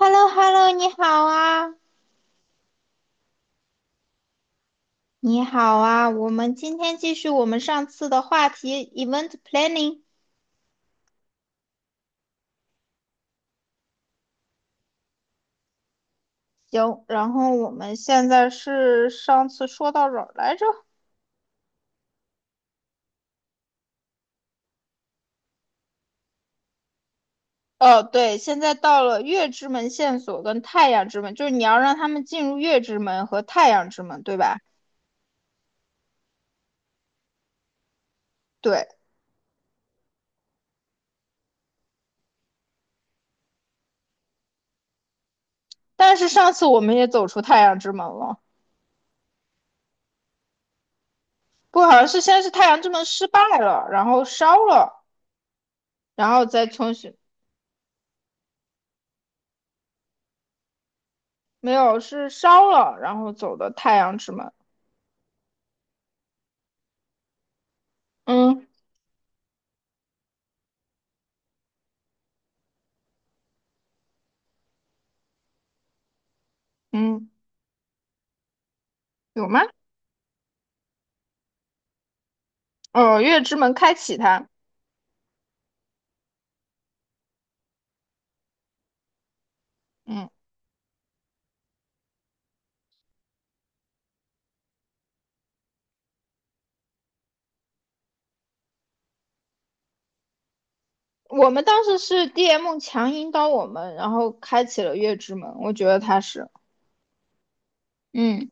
h e l l o h e l l o 你好啊，你好啊，我们今天继续我们上次的话题，event planning。行，然后我们现在是上次说到哪儿来着？哦，对，现在到了月之门线索跟太阳之门，就是你要让他们进入月之门和太阳之门，对吧？对，但是上次我们也走出太阳之门了，不，好像是先是太阳之门失败了，然后烧了，然后再重新，没有，是烧了，然后走的太阳之门。嗯嗯，有吗？哦，月之门开启它。嗯，我们当时是 DM 强引导我们，然后开启了月之门。我觉得他是，嗯，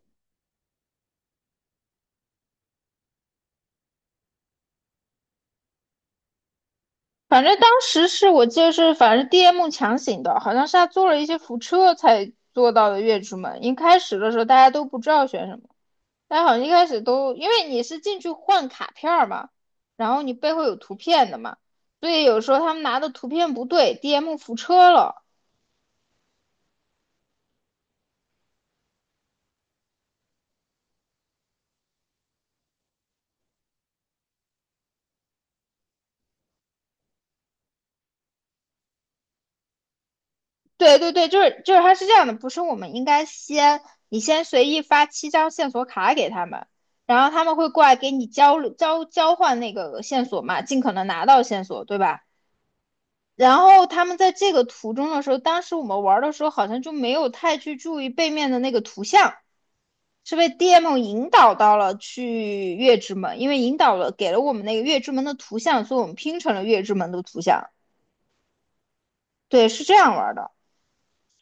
反正当时是我记得是，反正 DM 强行的，好像是他做了一些辐车才做到的月之门。一开始的时候大家都不知道选什么，大家好像一开始都因为你是进去换卡片儿嘛，然后你背后有图片的嘛，所以有时候他们拿的图片不对，DM 辐车了。对对对，就是他是这样的，不是我们应该先你先随意发七张线索卡给他们，然后他们会过来给你交流交换那个线索嘛，尽可能拿到线索，对吧？然后他们在这个途中的时候，当时我们玩的时候好像就没有太去注意背面的那个图像，是被 DM 引导到了去月之门，因为引导了给了我们那个月之门的图像，所以我们拼成了月之门的图像。对，是这样玩的。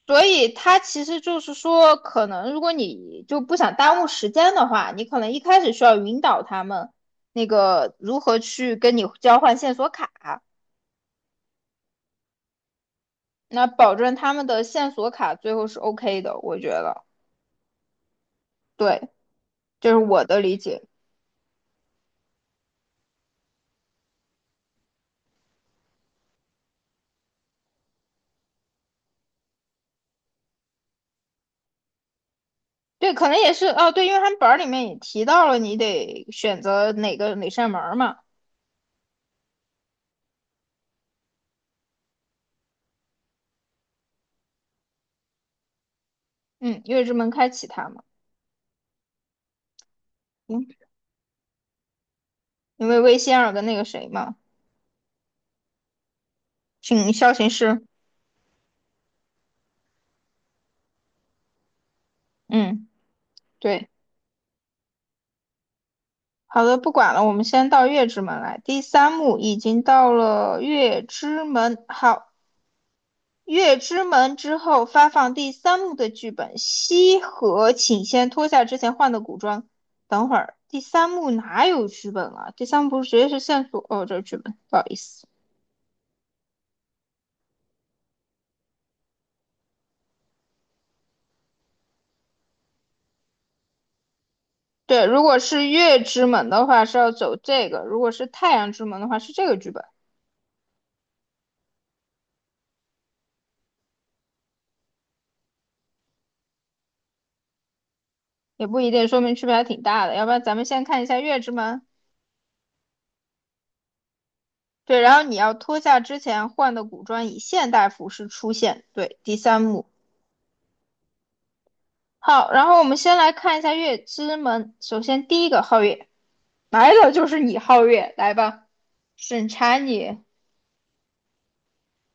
所以它其实就是说，可能如果你就不想耽误时间的话，你可能一开始需要引导他们那个如何去跟你交换线索卡，那保证他们的线索卡最后是 OK 的，我觉得，对，这是我的理解。对，可能也是哦，对，因为他们本儿里面也提到了，你得选择哪个哪扇门儿嘛，嗯，月之门开启它嘛，嗯，因为魏仙儿跟那个谁嘛，请萧琴师，嗯，对。好的，不管了，我们先到月之门来。第三幕已经到了月之门，好，月之门之后发放第三幕的剧本。西河，请先脱下之前换的古装。等会儿，第三幕哪有剧本了？第三幕不是直接是线索？哦，这是剧本，不好意思。对，如果是月之门的话是要走这个，如果是太阳之门的话是这个剧本，也不一定，说明区别还挺大的。要不然咱们先看一下月之门。对，然后你要脱下之前换的古装，以现代服饰出现。对，第三幕。好，然后我们先来看一下月之门。首先第一个皓月，来了就是你皓月，来吧，审查你。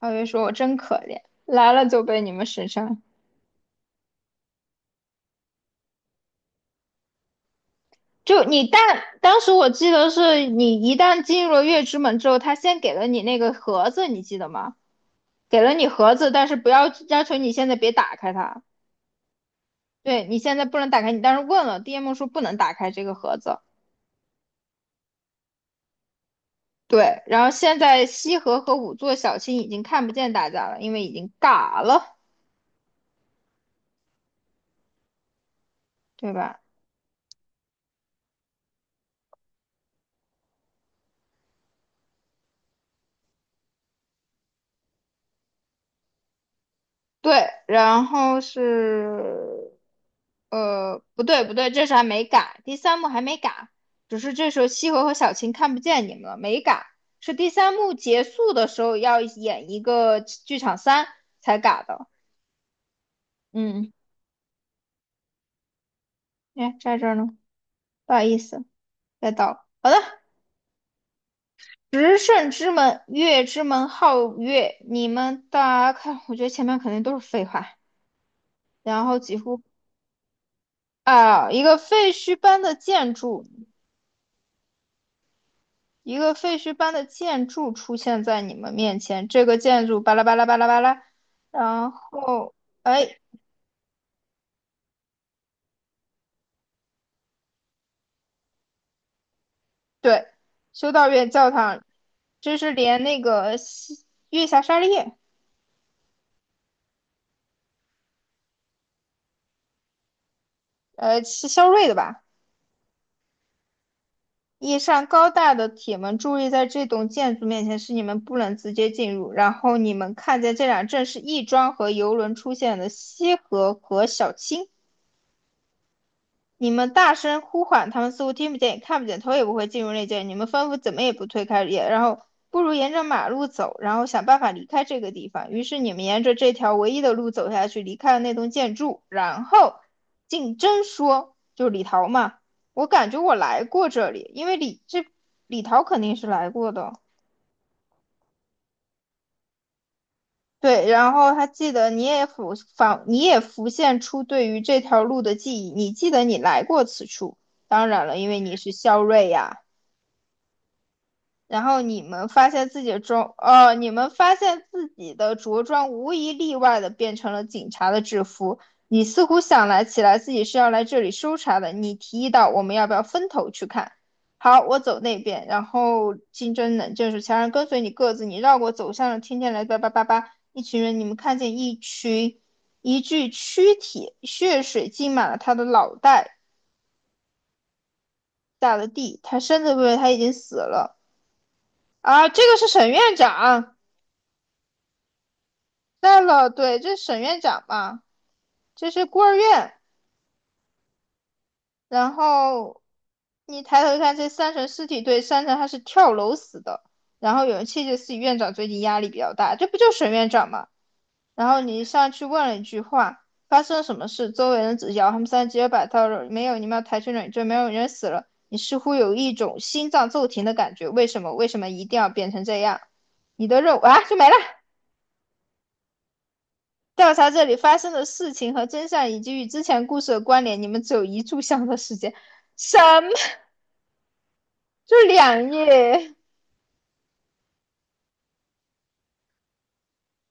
皓月说："我真可怜，来了就被你们审查。"就你但当时我记得是你一旦进入了月之门之后，他先给了你那个盒子，你记得吗？给了你盒子，但是不要要求你现在别打开它。对，你现在不能打开，你当时问了，DM 说不能打开这个盒子。对，然后现在西河和五座小青已经看不见大家了，因为已经嘎了，对吧？对，然后是，不对不对，这是还没嘎，第三幕还没嘎，只是这时候西河和小青看不见你们了，没嘎，是第三幕结束的时候要演一个剧场三才嘎的。嗯，哎，在这儿呢，不好意思，再倒，好的，十胜之门，月之门皓月，你们大家看，我觉得前面肯定都是废话。然后几乎啊，一个废墟般的建筑，一个废墟般的建筑出现在你们面前。这个建筑巴拉巴拉巴拉巴拉，然后哎，对，修道院教堂，这是连那个西月下沙利叶，是肖瑞的吧？一扇高大的铁门注意，在这栋建筑面前，是你们不能直接进入。然后你们看见这俩正是亦庄和游轮出现的西河和小青。你们大声呼唤，他们似乎听不见也看不见，头也不会进入内间。你们吩咐怎么也不推开，也然后不如沿着马路走，然后想办法离开这个地方。于是你们沿着这条唯一的路走下去，离开了那栋建筑。然后竞争说，就是李桃嘛，我感觉我来过这里，因为李这李桃肯定是来过的。对，然后他记得你也浮仿，你也浮现出对于这条路的记忆，你记得你来过此处。当然了，因为你是肖瑞呀、然后你们发现自己的装，你们发现自己的着装无一例外的变成了警察的制服。你似乎想来起来自己是要来这里搜查的。你提议到我们要不要分头去看？好，我走那边，然后金针冷正是强人跟随你各自，你绕过走向了听见来叭叭叭叭。一群人，你们看见一群一具躯体，血水浸满了他的脑袋，下了地，他身子部位他已经死了啊！这个是沈院长。带了，对，这是沈院长嘛，这是孤儿院。然后你抬头一看，这三层尸体对，三层他是跳楼死的。然后有人窃窃私语，院长最近压力比较大，这不就沈院长吗？然后你上去问了一句话，发生了什么事？周围人只摇，他们三直接把他没有，你们要抬去冷静，没有人死了。你似乎有一种心脏骤停的感觉，为什么？为什么一定要变成这样？你的肉啊，就没了。调查这里发生的事情和真相，以及与之前故事的关联。你们只有一炷香的时间，什么？就两页。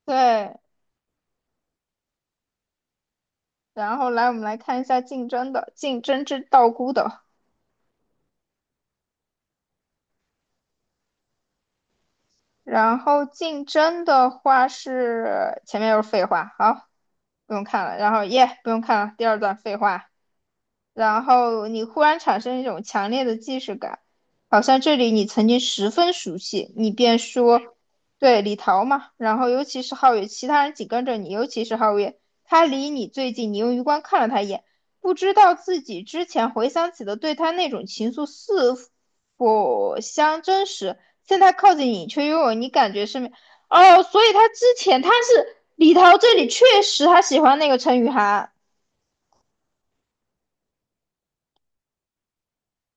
对，然后来我们来看一下竞争的，竞争之道姑的。然后竞争的话是前面又是废话，好，不用看了。然后耶，不用看了，第二段废话。然后你忽然产生一种强烈的既视感，好像这里你曾经十分熟悉，你便说，对，李桃嘛。然后尤其是皓月，其他人紧跟着你，尤其是皓月，他离你最近，你用余光看了他一眼，不知道自己之前回想起的对他那种情愫是否相真实。现在靠近你，却又有你感觉身边，哦，所以他之前他是李桃这里确实他喜欢那个陈雨涵。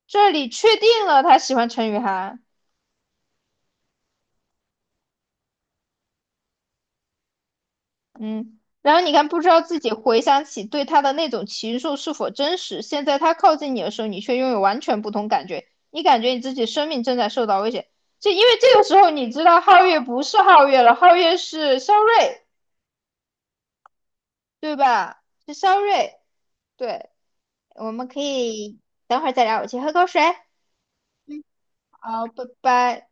这里确定了他喜欢陈雨涵，嗯，然后你看，不知道自己回想起对他的那种情愫是否真实。现在他靠近你的时候，你却拥有完全不同感觉，你感觉你自己生命正在受到威胁。这因为这个时候，你知道皓月不是皓月了，皓月是肖瑞，对吧？是肖瑞，对，我们可以等会儿再聊，我去喝口水。好，拜拜。